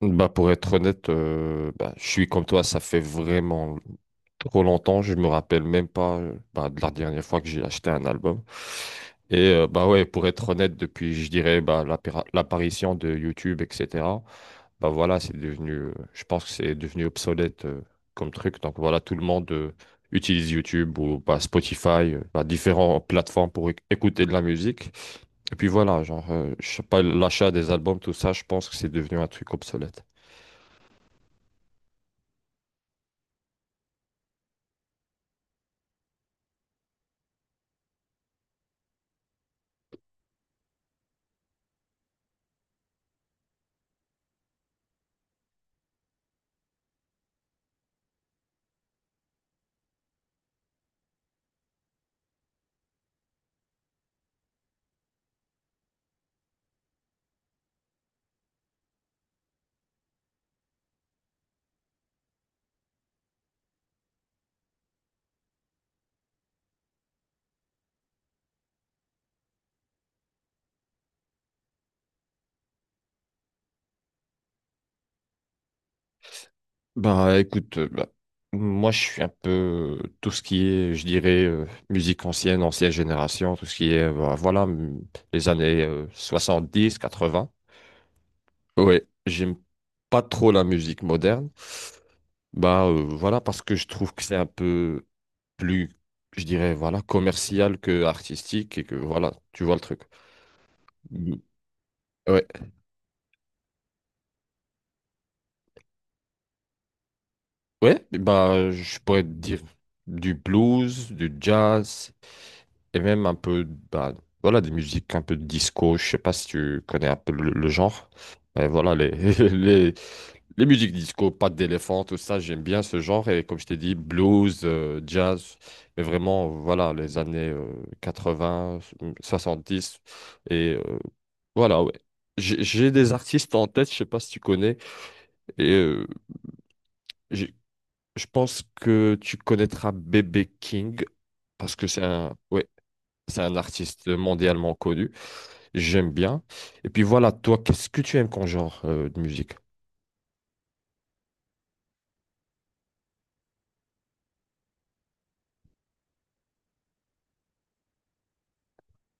Pour être honnête, je suis comme toi, ça fait vraiment trop longtemps, je me rappelle même pas de la dernière fois que j'ai acheté un album. Ouais, pour être honnête, depuis je dirais l'apparition de YouTube, etc. C'est devenu, je pense que c'est devenu obsolète comme truc. Donc voilà, tout le monde utilise YouTube ou Spotify, différentes plateformes pour écouter de la musique. Et puis voilà, je sais pas, l'achat des albums, tout ça, je pense que c'est devenu un truc obsolète. Bah écoute, moi je suis un peu tout ce qui est, je dirais, musique ancienne, ancienne génération, tout ce qui est, bah, voilà, les années soixante-dix, quatre-vingts. Ouais, j'aime pas trop la musique moderne. Voilà, parce que je trouve que c'est un peu plus, je dirais, voilà, commercial que artistique et que voilà, tu vois le truc. Mm. Ouais, ouais, bah je pourrais te dire du blues, du jazz, et même un peu, bah, voilà, des musiques un peu de disco. Je sais pas si tu connais un peu le genre, mais voilà les, les les musiques disco pattes d'éléphant, tout ça, j'aime bien ce genre. Et comme je t'ai dit, blues jazz, mais vraiment voilà les années 80, 70. et euh, voilà ouais, j'ai des artistes en tête, je sais pas si tu connais. et euh, j'ai- je pense que tu connaîtras Bébé King, parce que c'est un, ouais, c'est un artiste mondialement connu. J'aime bien. Et puis voilà, toi, qu'est-ce que tu aimes comme genre de musique?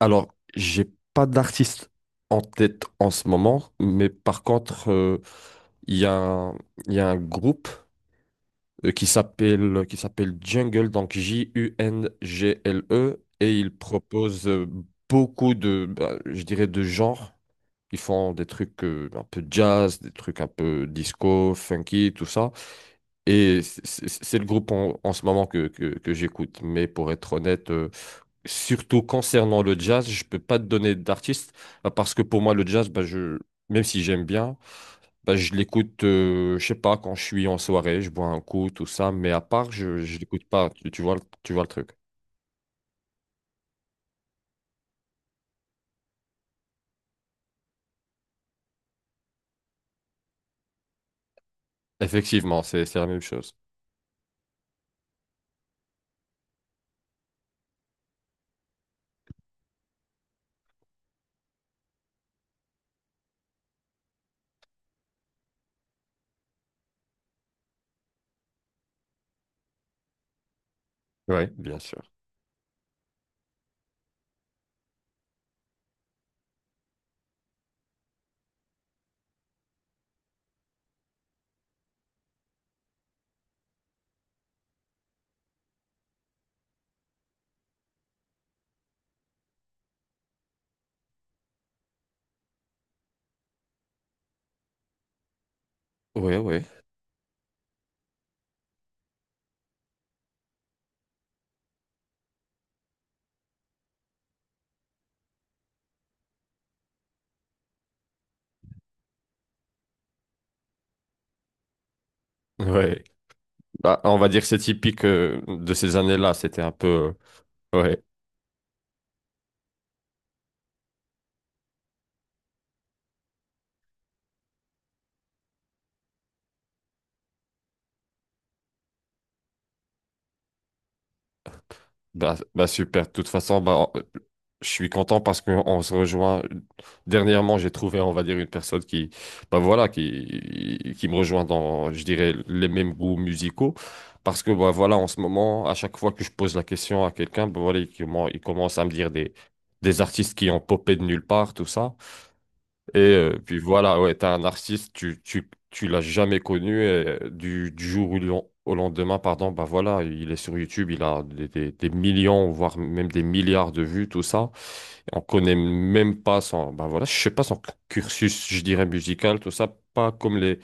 Alors, j'ai pas d'artiste en tête en ce moment, mais par contre, il y a un, il y a un groupe qui s'appelle Jungle, donc J-U-N-G-L-E, et ils proposent beaucoup de, bah, je dirais, de genres. Ils font des trucs un peu jazz, des trucs un peu disco, funky, tout ça. Et c'est le groupe en ce moment que j'écoute. Mais pour être honnête, surtout concernant le jazz, je peux pas te donner d'artiste, bah, parce que pour moi, le jazz, même si j'aime bien, bah, je l'écoute, je sais pas, quand je suis en soirée, je bois un coup, tout ça. Mais à part, je l'écoute pas. Tu vois, tu vois le truc. Effectivement, c'est la même chose. Oui, bien sûr. Oui, oui. Ouais. Bah, on va dire que c'est typique de ces années-là. C'était un peu. Ouais. Bah, bah super. De toute façon, je suis content parce qu'on se rejoint. Dernièrement, j'ai trouvé, on va dire, une personne qui, bah voilà, qui me rejoint dans, je dirais, les mêmes goûts musicaux. Parce que, bah voilà, en ce moment, à chaque fois que je pose la question à quelqu'un, bah voilà, il commence à me dire des artistes qui ont popé de nulle part, tout ça. Ouais, t'es un artiste, tu l'as jamais connu, et du jour au au lendemain, pardon, bah voilà, il est sur YouTube, il a des millions, voire même des milliards de vues, tout ça. Et on connaît même pas son, bah voilà, je sais pas son cursus, je dirais, musical, tout ça, pas comme les,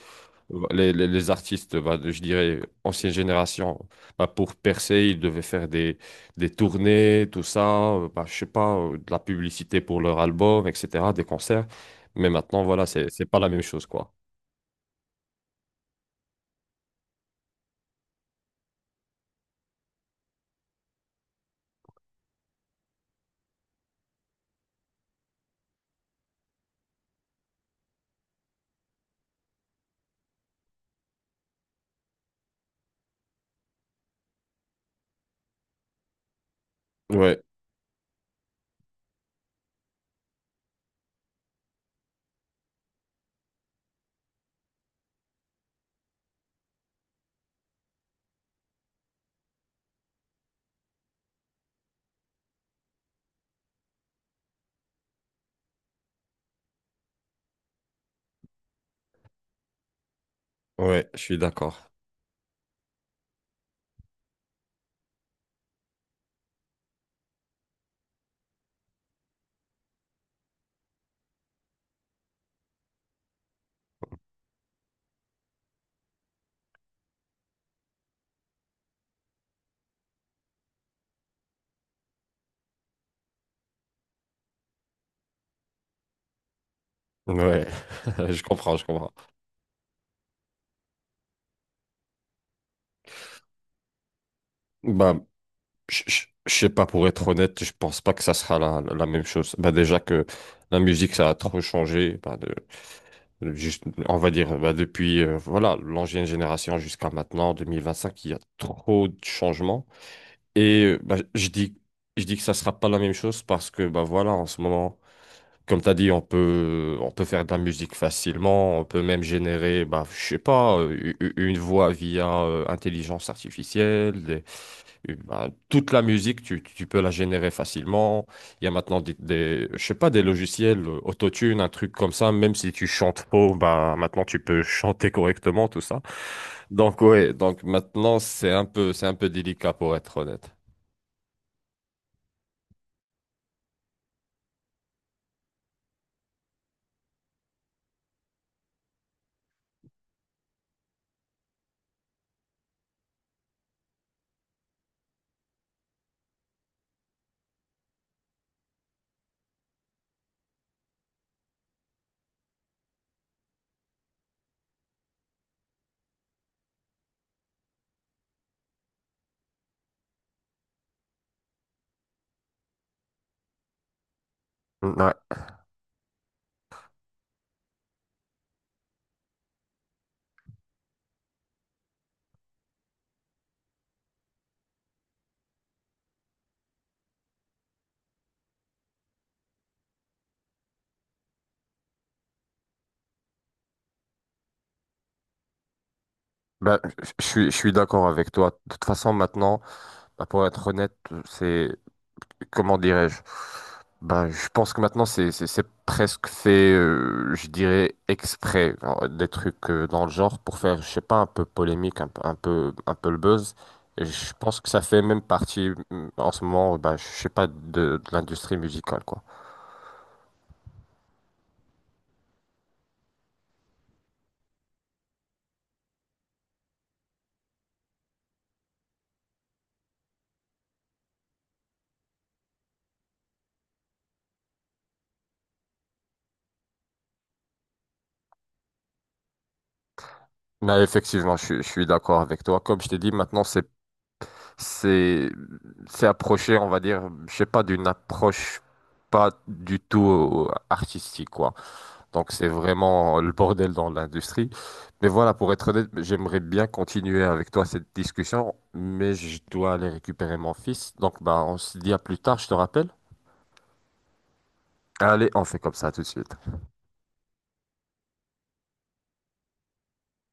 les, les- les artistes, je dirais, ancienne génération. Bah, pour percer, ils devaient faire des tournées, tout ça, je sais pas, de la publicité pour leur album, etc., des concerts. Mais maintenant, voilà, c'est pas la même chose, quoi. Ouais, ouais, je suis d'accord. Ouais, je comprends, je comprends. Bah, je sais pas, pour être honnête, je pense pas que ça sera la même chose. Bah, déjà que la musique, ça a trop changé. Bah juste, on va dire, bah, depuis voilà, l'ancienne génération jusqu'à maintenant, 2025, il y a trop de changements. Et euh, bah, je dis, je dis que ça sera pas la même chose parce que bah, voilà, en ce moment, comme tu as dit, on peut faire de la musique facilement, on peut même générer, bah, je sais pas, une voix via intelligence artificielle, ben, toute la musique, tu peux la générer facilement. Il y a maintenant je sais pas, des logiciels autotune, un truc comme ça. Même si tu chantes faux, ben, maintenant tu peux chanter correctement, tout ça. Donc ouais, donc maintenant c'est un peu délicat, pour être honnête. Ouais. Bah je suis d'accord avec toi. De toute façon, maintenant, ben, pour être honnête, c'est, comment dirais-je? Ben, je pense que maintenant c'est presque fait, je dirais exprès, hein, des trucs dans le genre pour faire, je sais pas, un peu polémique, un peu le buzz. Et je pense que ça fait même partie, en ce moment, ben, je sais pas, de l'industrie musicale, quoi. Mais effectivement, je suis d'accord avec toi. Comme je t'ai dit, maintenant c'est c'est approché, on va dire, je sais pas, d'une approche pas du tout artistique, quoi. Donc c'est vraiment le bordel dans l'industrie. Mais voilà, pour être honnête, j'aimerais bien continuer avec toi cette discussion, mais je dois aller récupérer mon fils. Donc bah on se dit à plus tard, je te rappelle. Allez, on fait comme ça tout de suite.